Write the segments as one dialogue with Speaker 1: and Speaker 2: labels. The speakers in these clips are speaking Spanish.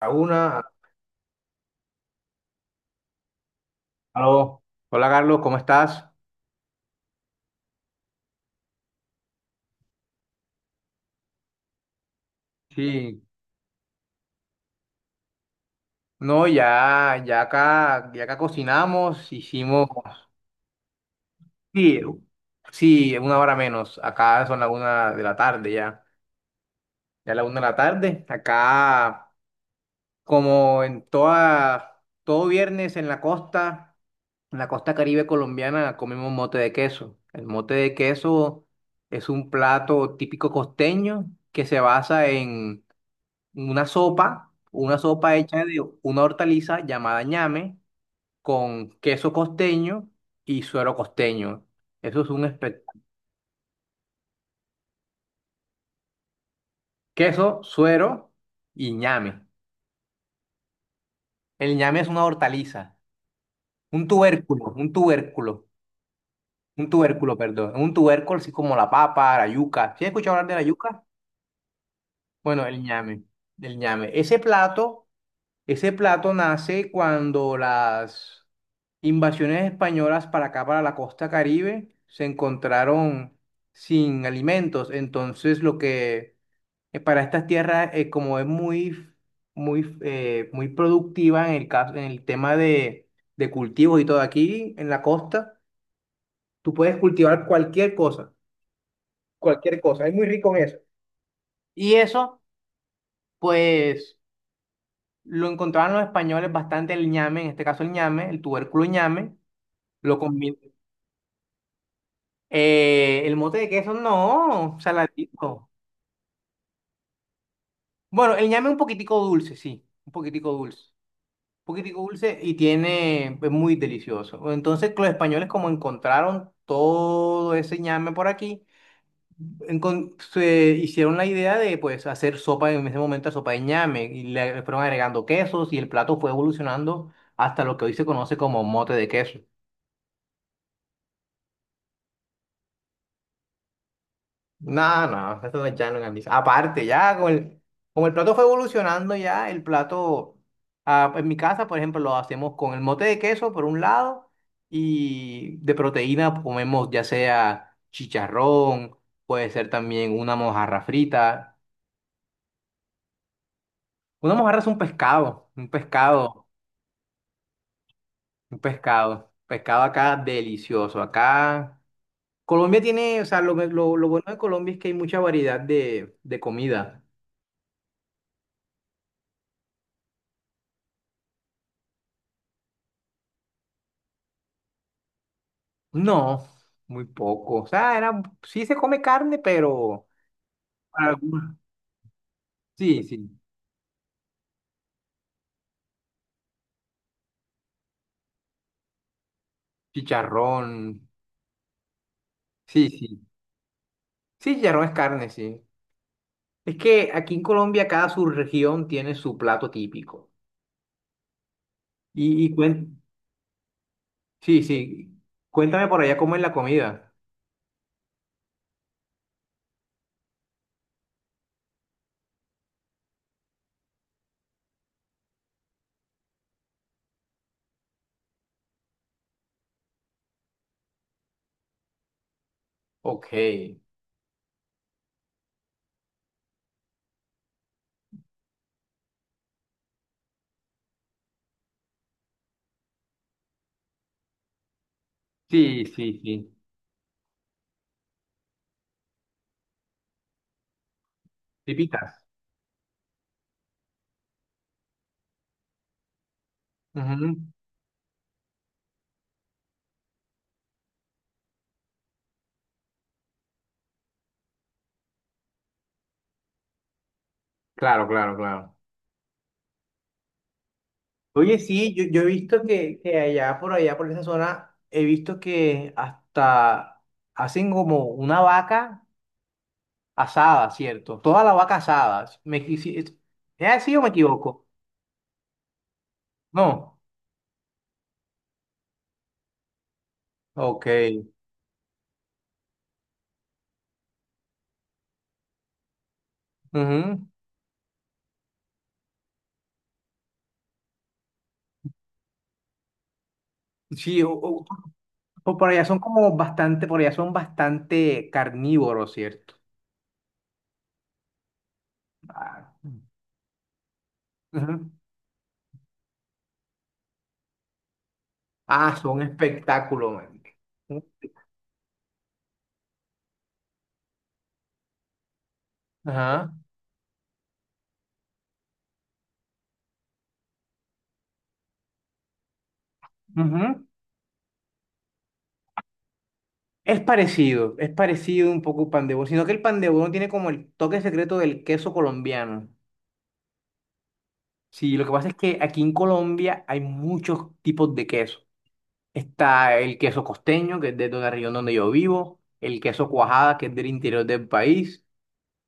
Speaker 1: A una, aló. Hola Carlos, ¿cómo estás? Sí, no, ya, ya acá cocinamos, hicimos, sí, sí, una hora menos. Acá son la una de la tarde ya, ya la una de la tarde. Acá, como en todo viernes en la costa Caribe colombiana, comemos mote de queso. El mote de queso es un plato típico costeño que se basa en una sopa hecha de una hortaliza llamada ñame con queso costeño y suero costeño. Eso es un queso, suero y ñame. El ñame es una hortaliza, un tubérculo, un tubérculo, perdón, un tubérculo así como la papa, la yuca. ¿Sí has escuchado hablar de la yuca? Bueno, el ñame. Ese plato nace cuando las invasiones españolas para acá, para la costa Caribe, se encontraron sin alimentos. Entonces, lo que para estas tierras, como es muy, muy productiva en el caso, en el tema de cultivos y todo aquí en la costa, tú puedes cultivar cualquier cosa, cualquier cosa. Es muy rico en eso. Y eso, pues, lo encontraban los españoles bastante el ñame, en este caso el ñame, el tubérculo ñame lo combino. El mote de queso, no, saladito. Bueno, el ñame es un poquitico dulce, sí, un poquitico dulce. Un poquitico dulce y tiene, es muy delicioso. Entonces, los españoles como encontraron todo ese ñame por aquí, se hicieron la idea de pues hacer sopa en ese momento, sopa de ñame, y le fueron agregando quesos y el plato fue evolucionando hasta lo que hoy se conoce como mote de queso. No, no, eso no es llano en Andiza. Aparte, ya con el, como el plato fue evolucionando ya, el plato, ah, en mi casa, por ejemplo, lo hacemos con el mote de queso por un lado y de proteína comemos ya sea chicharrón, puede ser también una mojarra frita. Una mojarra es un pescado, un pescado, pescado acá delicioso. Acá Colombia tiene, o sea, lo bueno de Colombia es que hay mucha variedad de comida. No, muy poco. O sea, era, sí se come carne, pero alguna- sí, sí. Chicharrón. Sí, sí. Sí, chicharrón es carne, sí. Es que aquí en Colombia cada subregión tiene su plato típico. Y, y cuen- Sí, sí. Cuéntame por allá cómo es la comida. Ok. Sí, sí, sí. Tipitas. Ujú. Claro, claro, claro. Oye, sí, yo he visto que allá por allá, por esa zona, he visto que hasta hacen como una vaca asada, ¿cierto? Toda la vaca asada. ¿Me equivoco? ¿Es así o me equivoco? No. Ok. Ujú. Sí, o por allá son como bastante, por allá son bastante carnívoros, ¿cierto? Ah, ujú. Ah, son espectáculo, man. Ajá. Ujú. Es parecido un poco el pan de bono, sino que el pan de bono tiene como el toque secreto del queso colombiano. Sí, lo que pasa es que aquí en Colombia hay muchos tipos de queso. Está el queso costeño, que es de la región donde yo vivo, el queso cuajada, que es del interior del país,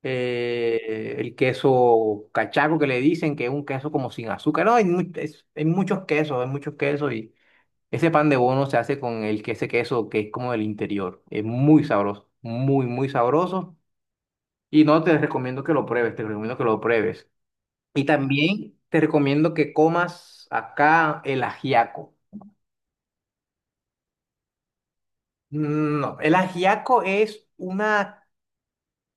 Speaker 1: el queso cachaco, que le dicen que es un queso como sin azúcar. No, hay, hay muchos quesos y ese pan de bono se hace con ese queso que es como del interior. Es muy sabroso, muy, muy sabroso. Y no te recomiendo que lo pruebes, te recomiendo que lo pruebes. Y también te recomiendo que comas acá el ajiaco. No, el ajiaco es una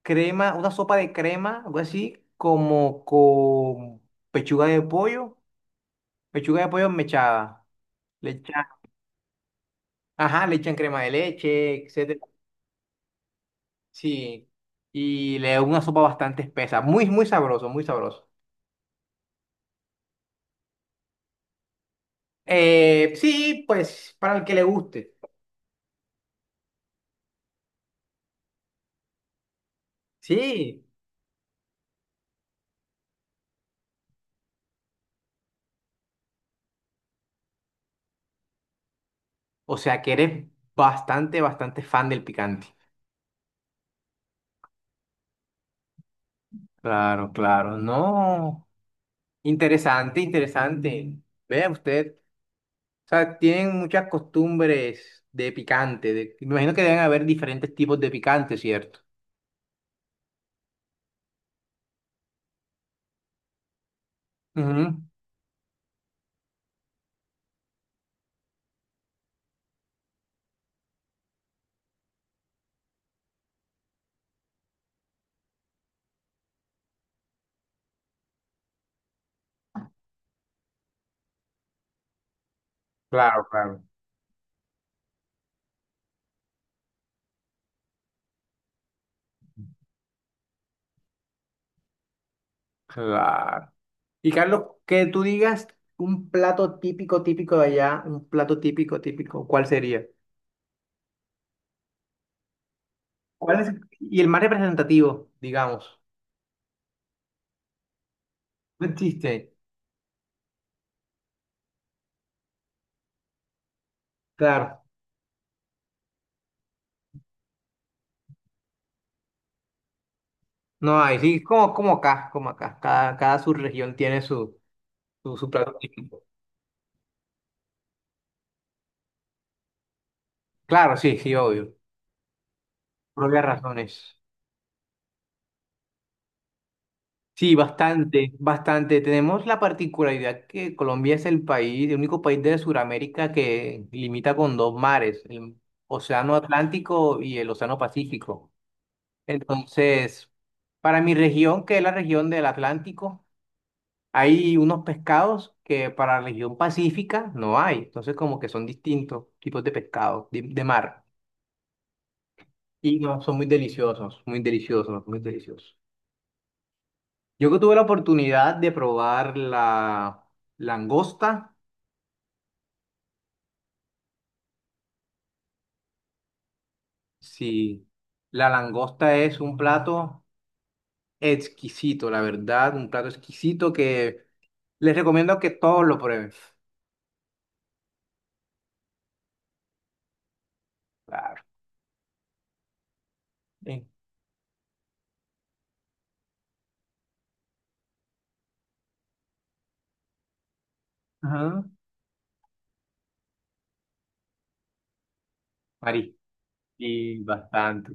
Speaker 1: crema, una sopa de crema, algo así, como con pechuga de pollo, pechuga de pollo mechada. Le echan, ajá, le echan crema de leche, etcétera. Sí. Y le da una sopa bastante espesa, muy, muy sabroso, muy sabroso. Sí, pues para el que le guste. Sí. O sea que eres bastante, bastante fan del picante. Claro, claro, no. Interesante, interesante. Vea usted, o sea, tienen muchas costumbres de picante. Me imagino que deben haber diferentes tipos de picante, ¿cierto? Ujú. Claro, claro. Claro. Y Carlos, que tú digas un plato típico, típico de allá, un plato típico, típico, ¿cuál sería? ¿Cuál es? Y el más representativo, digamos. No existe. Claro. No hay, sí, como, como acá, como acá. Cada, cada subregión tiene su, su plato típico. Claro, sí, sí, obvio. Por razones. Sí, bastante, bastante. Tenemos la particularidad que Colombia es el país, el único país de Sudamérica que limita con dos mares, el Océano Atlántico y el Océano Pacífico. Entonces, para mi región, que es la región del Atlántico, hay unos pescados que para la región pacífica no hay, entonces como que son distintos tipos de pescados de mar y no, son muy deliciosos, muy deliciosos, muy deliciosos. Yo que tuve la oportunidad de probar la langosta, sí, la langosta es un plato exquisito, la verdad, un plato exquisito que les recomiendo que todos lo prueben. Claro. Sí. Ajá. Marí. Y bastante.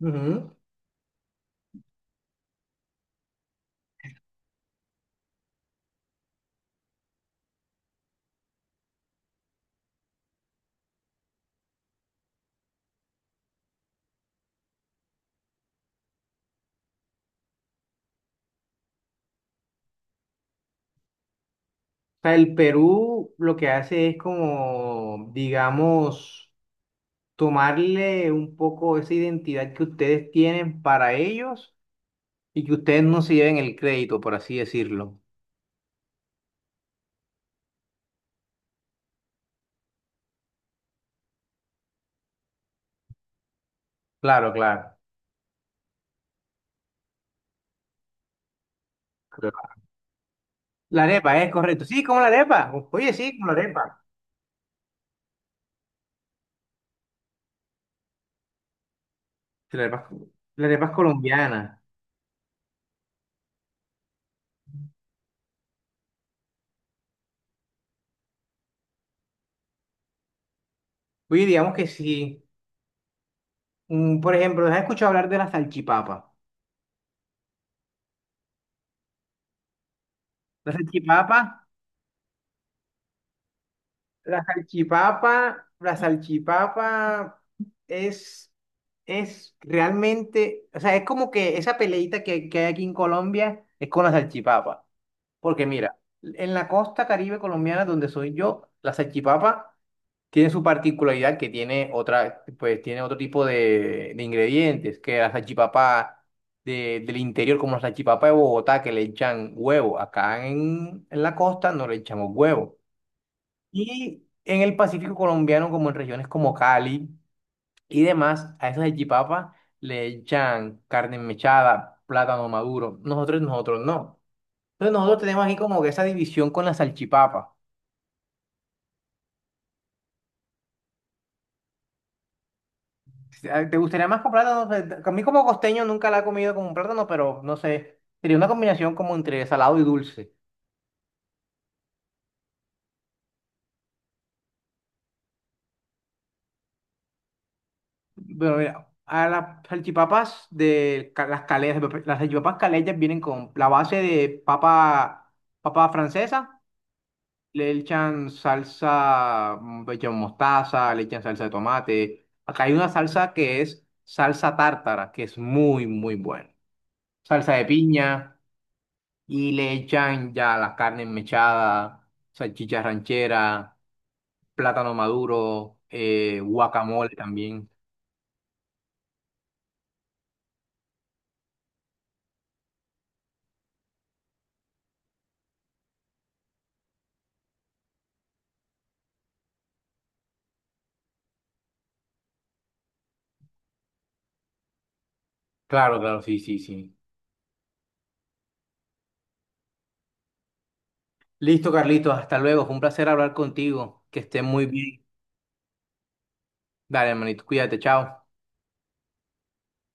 Speaker 1: Ujú. Sea, el Perú lo que hace es como, digamos, tomarle un poco esa identidad que ustedes tienen para ellos y que ustedes no se lleven el crédito, por así decirlo. Claro, claro. Claro. La arepa, es correcto. Sí, como la arepa. Oye, sí, como la arepa. La arepa, la arepa es colombiana. Oye, digamos que sí. Mm, por ejemplo, ¿has escuchado hablar de la salchipapa? La salchipapa. La salchipapa es, es realmente, o sea, es como que esa peleita que hay aquí en Colombia es con la salchipapa. Porque mira, en la costa caribe colombiana donde soy yo, la salchipapa tiene su particularidad que tiene otra, pues tiene otro tipo de ingredientes, que la salchipapa del interior, como la salchipapa de Bogotá, que le echan huevo. Acá en la costa no le echamos huevo. Y en el Pacífico colombiano, como en regiones como Cali y demás, a esas salchipapas le echan carne mechada, plátano maduro. Nosotros no. Entonces nosotros tenemos aquí como que esa división con la salchipapa. Ah, ¿te gustaría más con plátano? A mí como costeño nunca la he comido con plátano, pero no sé. Sería una combinación como entre salado y dulce. Pero mira, a las salchipapas de las caletas, las salchipapas caletas vienen con la base de papa, papa francesa le echan salsa, mm, le echan mostaza, le echan salsa de tomate. Acá hay una salsa que es salsa tártara, que es muy, muy buena. Salsa de piña y le echan ya las carnes mechadas, salchicha ranchera, plátano maduro, guacamole también. Claro, claro, sí, sí, sí. Listo, Carlitos, hasta luego. Fue un placer hablar contigo. Que estés muy bien. Dale, hermanito, cuídate, chao.